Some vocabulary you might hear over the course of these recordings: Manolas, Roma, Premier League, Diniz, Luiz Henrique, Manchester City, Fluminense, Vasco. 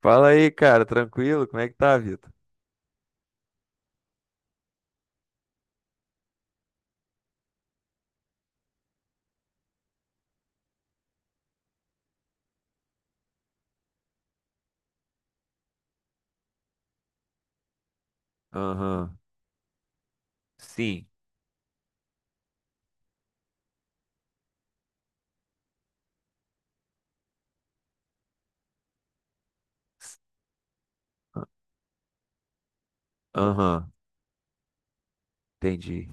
Fala aí, cara, tranquilo? Como é que tá, Vitor? Aham, sim. S- a- Aham, entendi.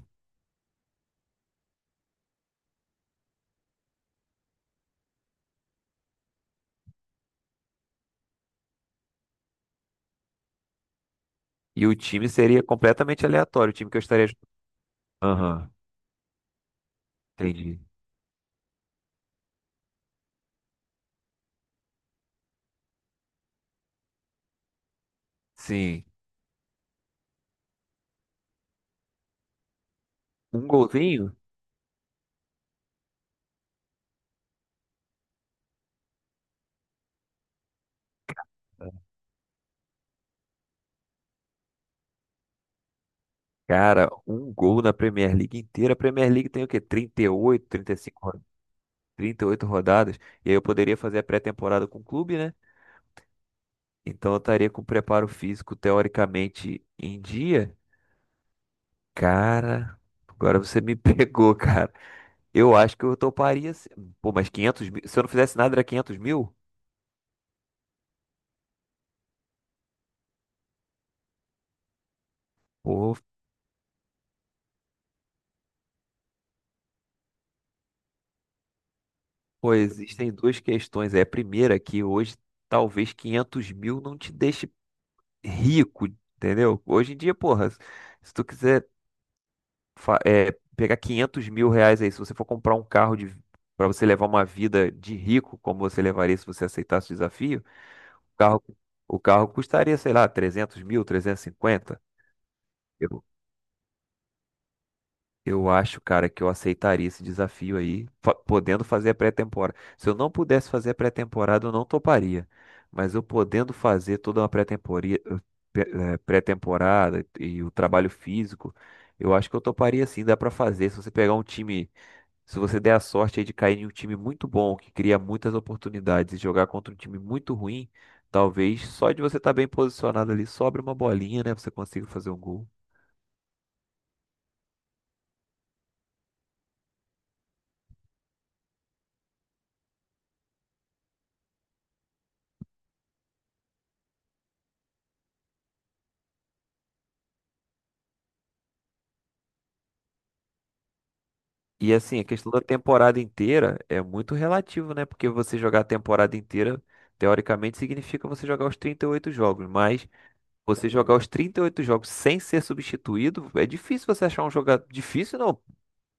E o time seria completamente aleatório, o time que eu estaria. Aham, entendi. Sim. Um golzinho? Cara, um gol na Premier League inteira. A Premier League tem o quê? 38, 35, 38 rodadas. E aí eu poderia fazer a pré-temporada com o clube, né? Então eu estaria com o preparo físico teoricamente em dia. Cara, agora você me pegou, cara. Eu acho que eu toparia. Pô, mas 500 mil. Se eu não fizesse nada, era 500 mil? Pô, pô, existem duas questões. É a primeira, é que hoje talvez 500 mil não te deixe rico, entendeu? Hoje em dia, porra, se tu quiser pegar 500 mil reais aí, se você for comprar um carro de. Para você levar uma vida de rico, como você levaria se você aceitasse o desafio, o carro, o carro custaria, sei lá, 300 mil, 350. Eu acho, cara, que eu aceitaria esse desafio aí, podendo fazer a pré-temporada. Se eu não pudesse fazer a pré-temporada, eu não toparia. Mas eu podendo fazer toda uma pe- pré-temporada e o trabalho físico, eu acho que eu toparia sim, dá pra fazer. Se você pegar um time, se você der a sorte aí de cair em um time muito bom, que cria muitas oportunidades, e jogar contra um time muito ruim, talvez só de você estar bem posicionado ali, sobre uma bolinha, né? Você consiga fazer um gol. E assim, a questão da temporada inteira é muito relativo, né? Porque você jogar a temporada inteira, teoricamente, significa você jogar os 38 jogos. Mas você jogar os 38 jogos sem ser substituído, é difícil você achar um jogador. Difícil não.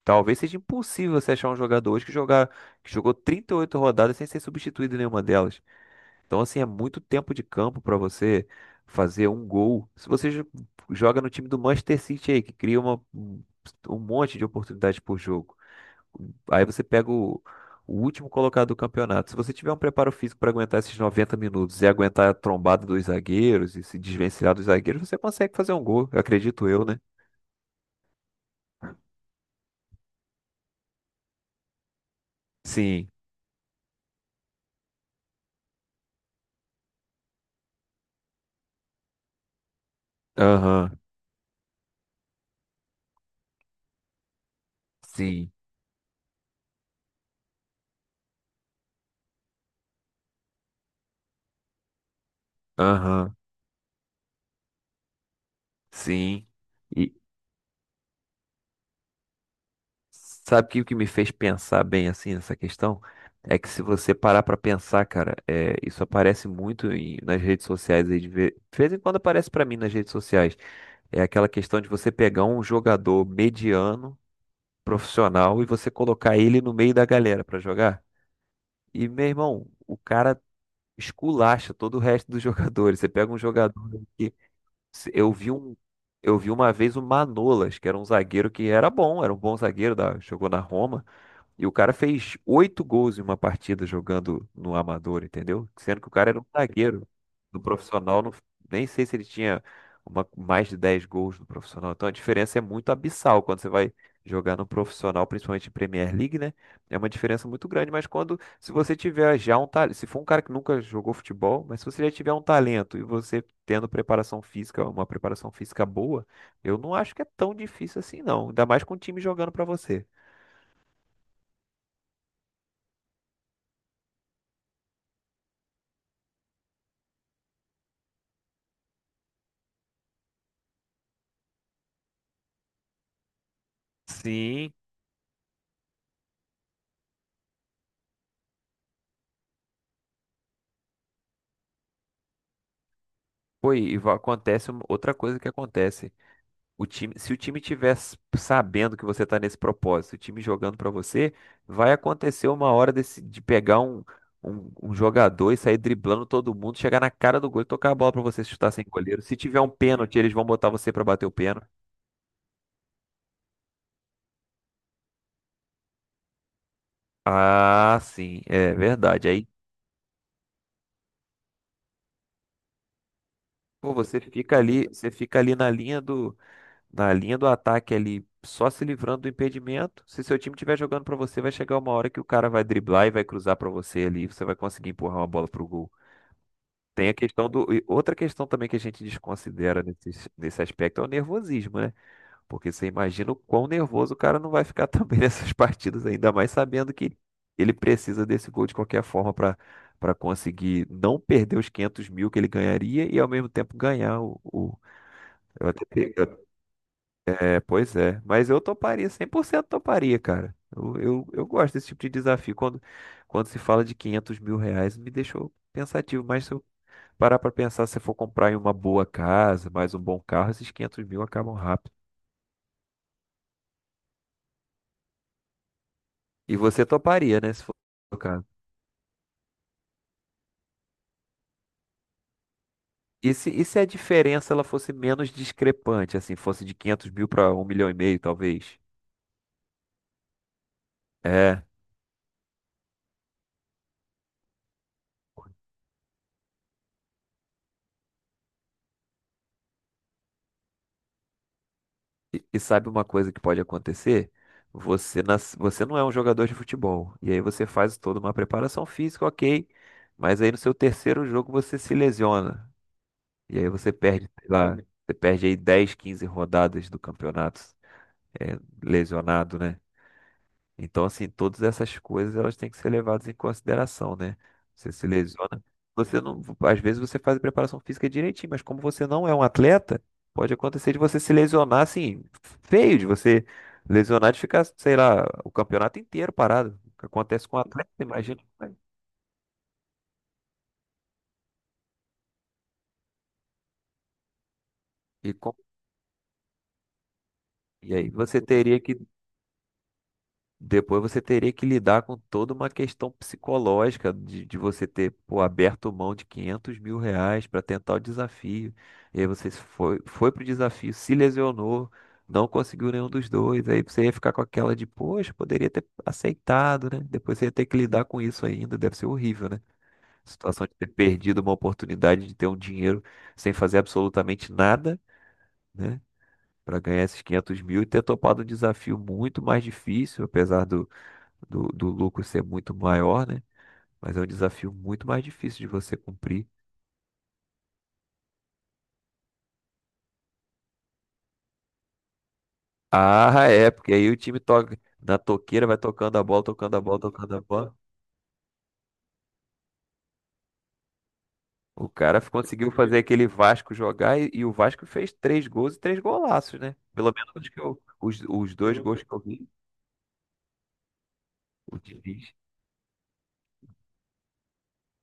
Talvez seja impossível você achar um jogador hoje que jogou 38 rodadas sem ser substituído em nenhuma delas. Então, assim, é muito tempo de campo para você fazer um gol. Se você joga no time do Manchester City aí, que cria uma... um um monte de oportunidades por jogo. Aí você pega o último colocado do campeonato. Se você tiver um preparo físico para aguentar esses 90 minutos e aguentar a trombada dos zagueiros e se desvencilhar dos zagueiros, você consegue fazer um gol, acredito eu, né? Sim. Aham. Sim. Aham. Sim. E sabe que o que me fez pensar bem assim nessa questão? É que se você parar para pensar, cara, isso aparece muito nas redes sociais aí de ver, de vez em quando aparece para mim nas redes sociais. É aquela questão de você pegar um jogador mediano profissional e você colocar ele no meio da galera pra jogar. E, meu irmão, o cara esculacha todo o resto dos jogadores. Você pega um jogador que eu vi um eu vi uma vez o Manolas, que era um zagueiro que era bom, era um bom zagueiro da, jogou na Roma. E o cara fez 8 gols em uma partida jogando no amador, entendeu? Sendo que o cara era um zagueiro. No profissional, nem sei se ele tinha mais de 10 gols no profissional. Então a diferença é muito abissal quando você vai jogar no profissional, principalmente em Premier League, né? É uma diferença muito grande. Mas quando, se você tiver já um talento, se for um cara que nunca jogou futebol, mas se você já tiver um talento e você tendo preparação física, uma preparação física boa, eu não acho que é tão difícil assim, não. Ainda mais com o time jogando pra você. Sim. Acontece outra coisa que acontece. O time, se o time tiver sabendo que você está nesse propósito, o time jogando para você, vai acontecer uma hora desse, de pegar um jogador e sair driblando todo mundo, chegar na cara do gol e tocar a bola para você chutar sem goleiro. Se tiver um pênalti, eles vão botar você para bater o pênalti. Ah, sim, é verdade. Aí, pô, você fica ali na linha do ataque ali, só se livrando do impedimento. Se seu time estiver jogando pra você, vai chegar uma hora que o cara vai driblar e vai cruzar pra você ali, você vai conseguir empurrar uma bola pro gol. Tem a questão do. E Outra questão também que a gente desconsidera nesse aspecto é o nervosismo, né? Porque você imagina o quão nervoso o cara não vai ficar também nessas partidas, ainda mais sabendo que ele precisa desse gol de qualquer forma pra para conseguir não perder os 500 mil que ele ganharia e ao mesmo tempo ganhar o. eu até, pe- é, pois é. Mas eu toparia, 100% toparia, cara. Eu gosto desse tipo de desafio. Quando se fala de 500 mil reais, me deixou pensativo. Mas se eu parar pra pensar, se eu for comprar em uma boa casa, mais um bom carro, esses 500 mil acabam rápido. E você toparia, né? Se for o caso. E se a diferença ela fosse menos discrepante, assim, fosse de 500 mil para um milhão e meio, talvez? É. E sabe uma coisa que pode acontecer? Você não é um jogador de futebol. E aí você faz toda uma preparação física, ok. Mas aí no seu terceiro jogo você se lesiona. E aí você perde, sei lá, você perde aí 10, 15 rodadas do campeonato, lesionado, né? Então, assim, todas essas coisas elas têm que ser levadas em consideração, né? Você se lesiona. Você não, às vezes você faz a preparação física direitinho, mas como você não é um atleta, pode acontecer de você se lesionar assim, feio, de você lesionar de ficar, sei lá, o campeonato inteiro parado. O que acontece com um atleta, imagina. Né? E, com- e aí você teria que Depois você teria que lidar com toda uma questão psicológica de você ter, pô, aberto mão de 500 mil reais para tentar o desafio. E aí você foi pro desafio, se lesionou, não conseguiu nenhum dos dois. Aí você ia ficar com aquela de, poxa, poderia ter aceitado, né? Depois você ia ter que lidar com isso ainda. Deve ser horrível, né? Situação de ter perdido uma oportunidade de ter um dinheiro sem fazer absolutamente nada, né? Para ganhar esses 500 mil e ter topado um desafio muito mais difícil, apesar do lucro ser muito maior, né? Mas é um desafio muito mais difícil de você cumprir. Ah, é, porque aí o time toca na toqueira, vai tocando a bola, tocando a bola, tocando a bola. O cara conseguiu fazer aquele Vasco jogar e o Vasco fez 3 gols e três golaços, né? Pelo menos os 2 gols que eu vi, o Diniz,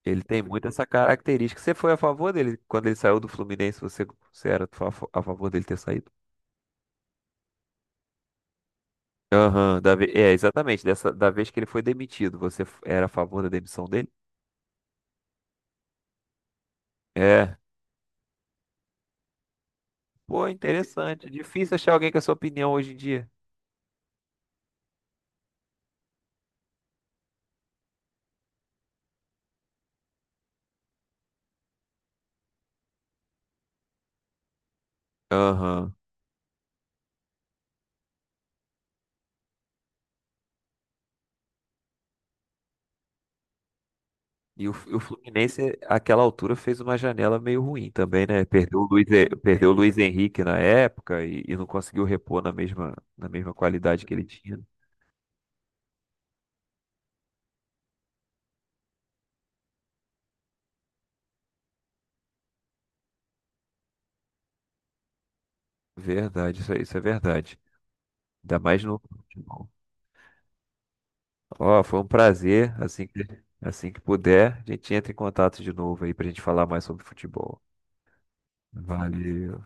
ele tem muito essa característica. Você foi a favor dele quando ele saiu do Fluminense? Você era a favor dele ter saído? Aham, exatamente. Da vez que ele foi demitido, você era a favor da demissão dele? É. Pô, interessante. Difícil achar alguém com essa opinião hoje em dia. Aham. E o Fluminense, àquela altura, fez uma janela meio ruim também, né? Perdeu perdeu o Luiz Henrique na época e não conseguiu repor na mesma qualidade que ele tinha. Verdade, isso é verdade. Ainda mais no futebol. Ó, foi um prazer. Assim que puder, a gente entra em contato de novo aí pra gente falar mais sobre futebol. Valeu.